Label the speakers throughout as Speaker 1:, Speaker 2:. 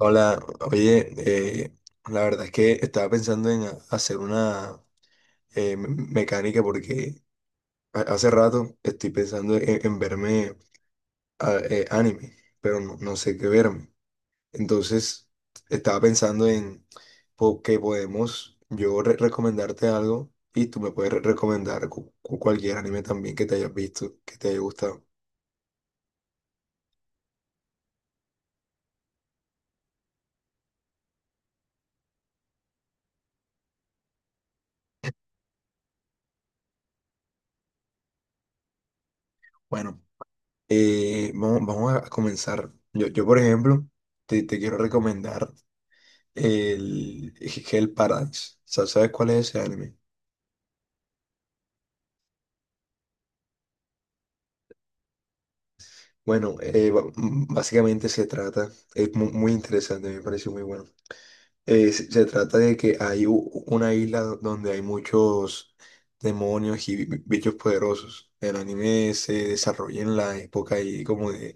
Speaker 1: Hola, oye, eh, la verdad es que estaba pensando en hacer una mecánica porque hace rato estoy pensando en verme anime, pero no, no sé qué verme. Entonces, estaba pensando en que podemos yo recomendarte algo y tú me puedes recomendar cualquier anime también que te hayas visto, que te haya gustado. Bueno, vamos a comenzar. Yo, por ejemplo, te quiero recomendar el Hell Paradise. ¿Sabes cuál es ese anime? Bueno, básicamente se trata, es muy interesante, me pareció muy bueno. Se trata de que hay una isla donde hay muchos demonios y bichos poderosos. El anime se desarrolla en la época ahí como de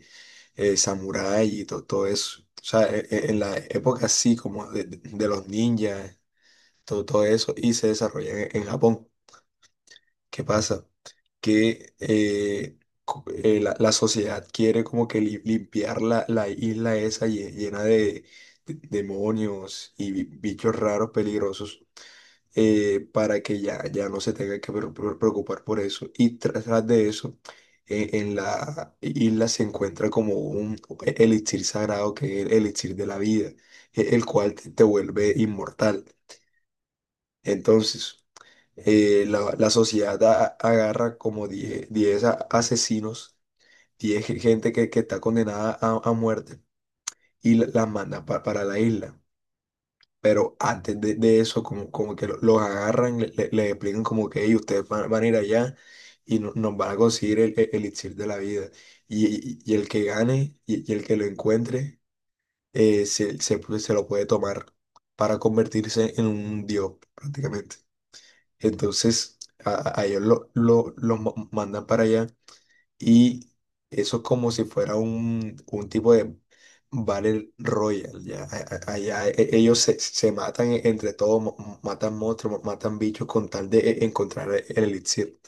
Speaker 1: samurái y todo eso. O sea, en la época así como de los ninjas, todo, todo eso, y se desarrolla en Japón. ¿Qué pasa? Que la sociedad quiere como que limpiar la isla esa llena demonios y bichos raros peligrosos, para que ya, ya no se tenga que preocupar por eso. Y tras de eso, en la isla se encuentra como un elixir sagrado que es el elixir de la vida, el cual te vuelve inmortal. Entonces, la sociedad agarra como diez asesinos, 10 gente que está condenada a muerte y las manda para la isla. Pero antes de eso, como que los agarran, les explican como que "Ey, ustedes van a ir allá y nos van a conseguir el elixir de la vida. Y el que gane y el que lo encuentre se lo puede tomar para convertirse en un dios prácticamente. Entonces, a ellos mandan para allá y eso es como si fuera un tipo de Battle Royale. Ya. Allá ellos se matan entre todos, matan monstruos, matan bichos con tal de encontrar el elixir.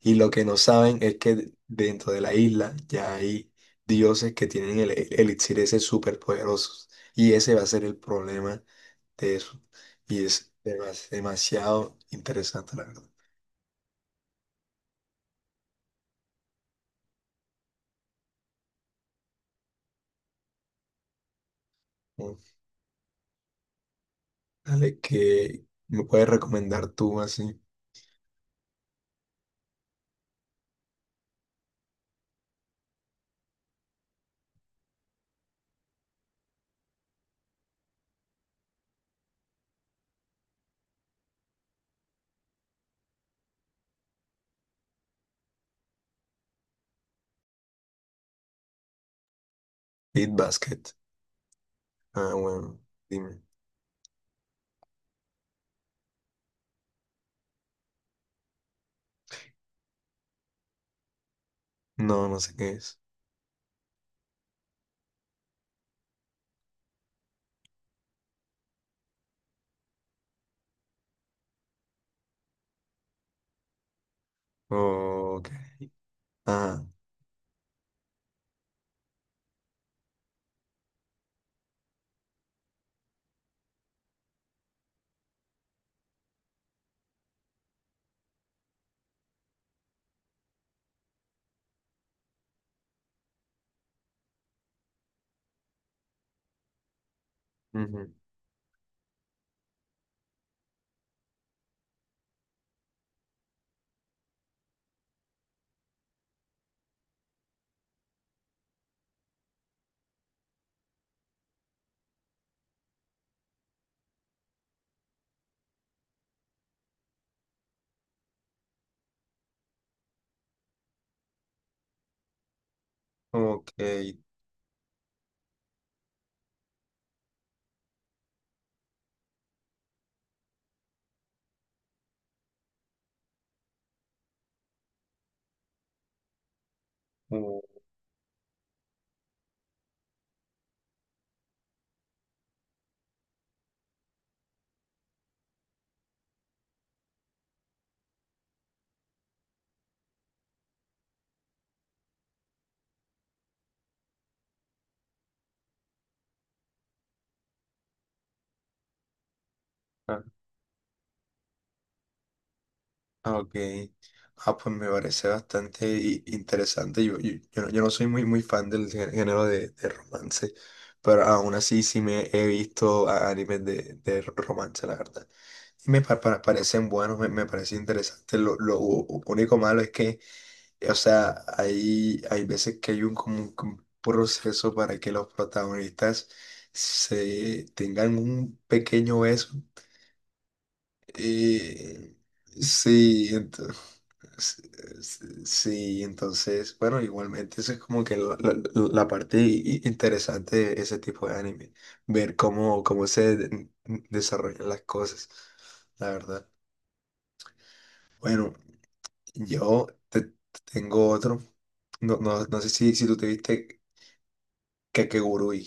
Speaker 1: Y lo que no saben es que dentro de la isla ya hay dioses que tienen el elixir ese súper poderosos. Y ese va a ser el problema de eso. Y es demasiado interesante, la verdad. Oh, dale, que me puedes recomendar tú así? Beat Basket. Ah, bueno, dime. No, no sé qué es. Ok. Ah, ujú. Ok. Uh, ah, ah, ok. Ah, pues me parece bastante interesante. Yo no soy muy, muy fan del género de romance, pero aún así sí me he visto animes de romance, la verdad. Y me parecen buenos, me parece interesante. Lo único malo es que, o sea, hay veces que hay como un proceso para que los protagonistas se tengan un pequeño beso. Eh, sí, entonces, sí, entonces, bueno, igualmente eso es como que la parte interesante de ese tipo de anime, ver cómo se desarrollan las cosas, la verdad. Bueno, yo te tengo otro. No, no, no sé si tú te viste Kakegurui.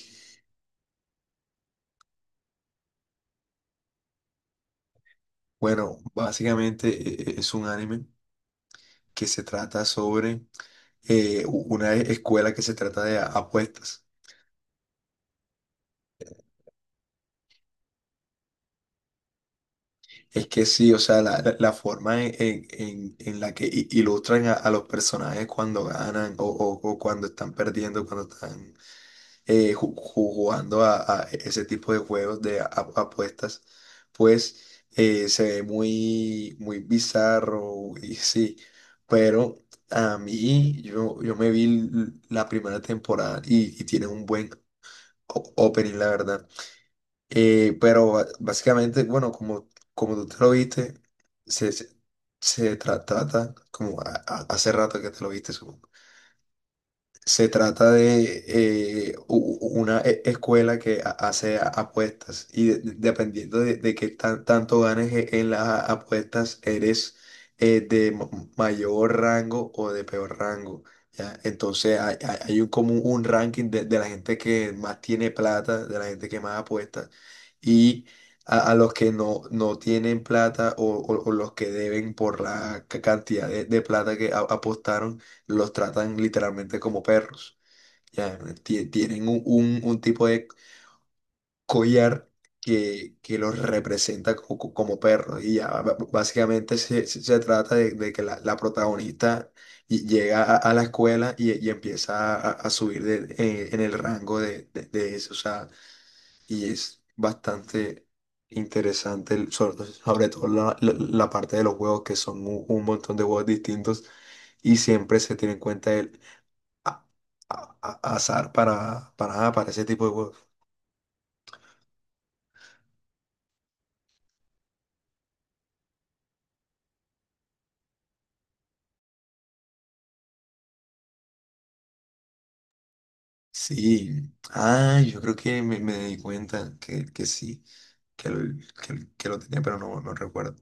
Speaker 1: Bueno, básicamente es un anime que se trata sobre una escuela que se trata de apuestas. Es que sí, o sea, la forma en la que ilustran a los personajes cuando ganan o cuando están perdiendo, cuando están jugando a ese tipo de juegos de apuestas, pues se ve muy, muy bizarro y sí, pero a mí yo me vi la primera temporada y tiene un buen opening, la verdad. Pero básicamente, bueno, como tú te lo viste, se, se, se trata, como hace rato que te lo viste, se trata de una escuela que hace apuestas y dependiendo de qué tanto ganes en las apuestas, eres de mayor rango o de peor rango. ¿Ya? Entonces hay como un ranking de la gente que más tiene plata, de la gente que más apuesta, y a los que no, no tienen plata o los que deben por la cantidad de plata que apostaron los tratan literalmente como perros. Ya, tienen un tipo de collar que los representa como perros. Y ya básicamente se trata de que la protagonista llega a la escuela y empieza a subir en el rango de eso. O sea, y es bastante interesante, sobre todo la parte de los juegos, que son un montón de juegos distintos y siempre se tiene en cuenta el, a- azar para ese tipo de juegos. Sí, ah, yo creo que me di cuenta que sí, que lo, que lo tenía, pero no, no recuerdo.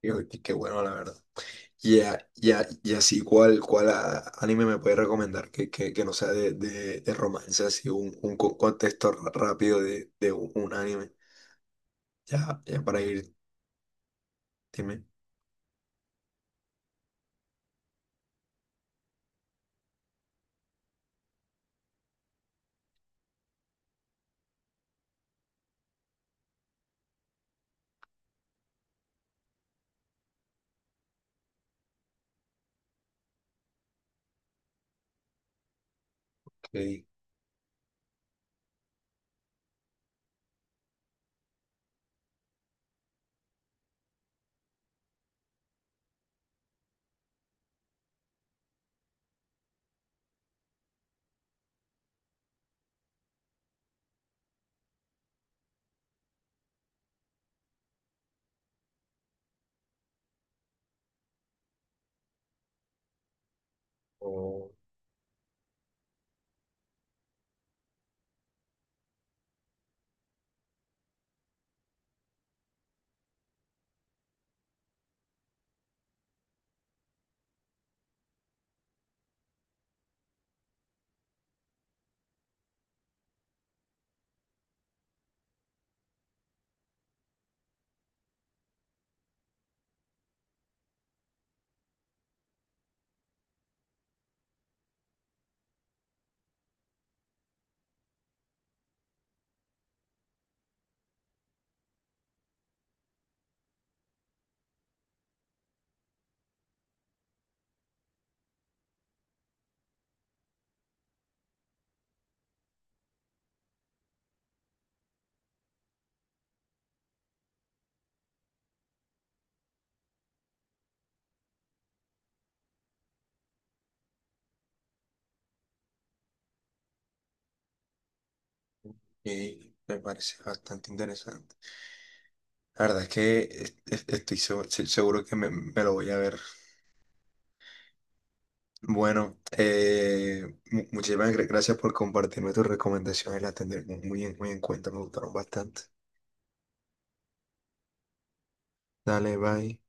Speaker 1: Y, y qué bueno, la verdad. Y así, ¿cuál anime me puede recomendar que no sea de romance, así un contexto rápido de un anime? Ya, ya para ir, dime. Ok, ok, me parece bastante interesante. La verdad es que estoy seguro que me lo voy a ver. Bueno, muchísimas gracias por compartirme tus recomendaciones, las tendré muy en cuenta, me gustaron bastante. Dale, bye.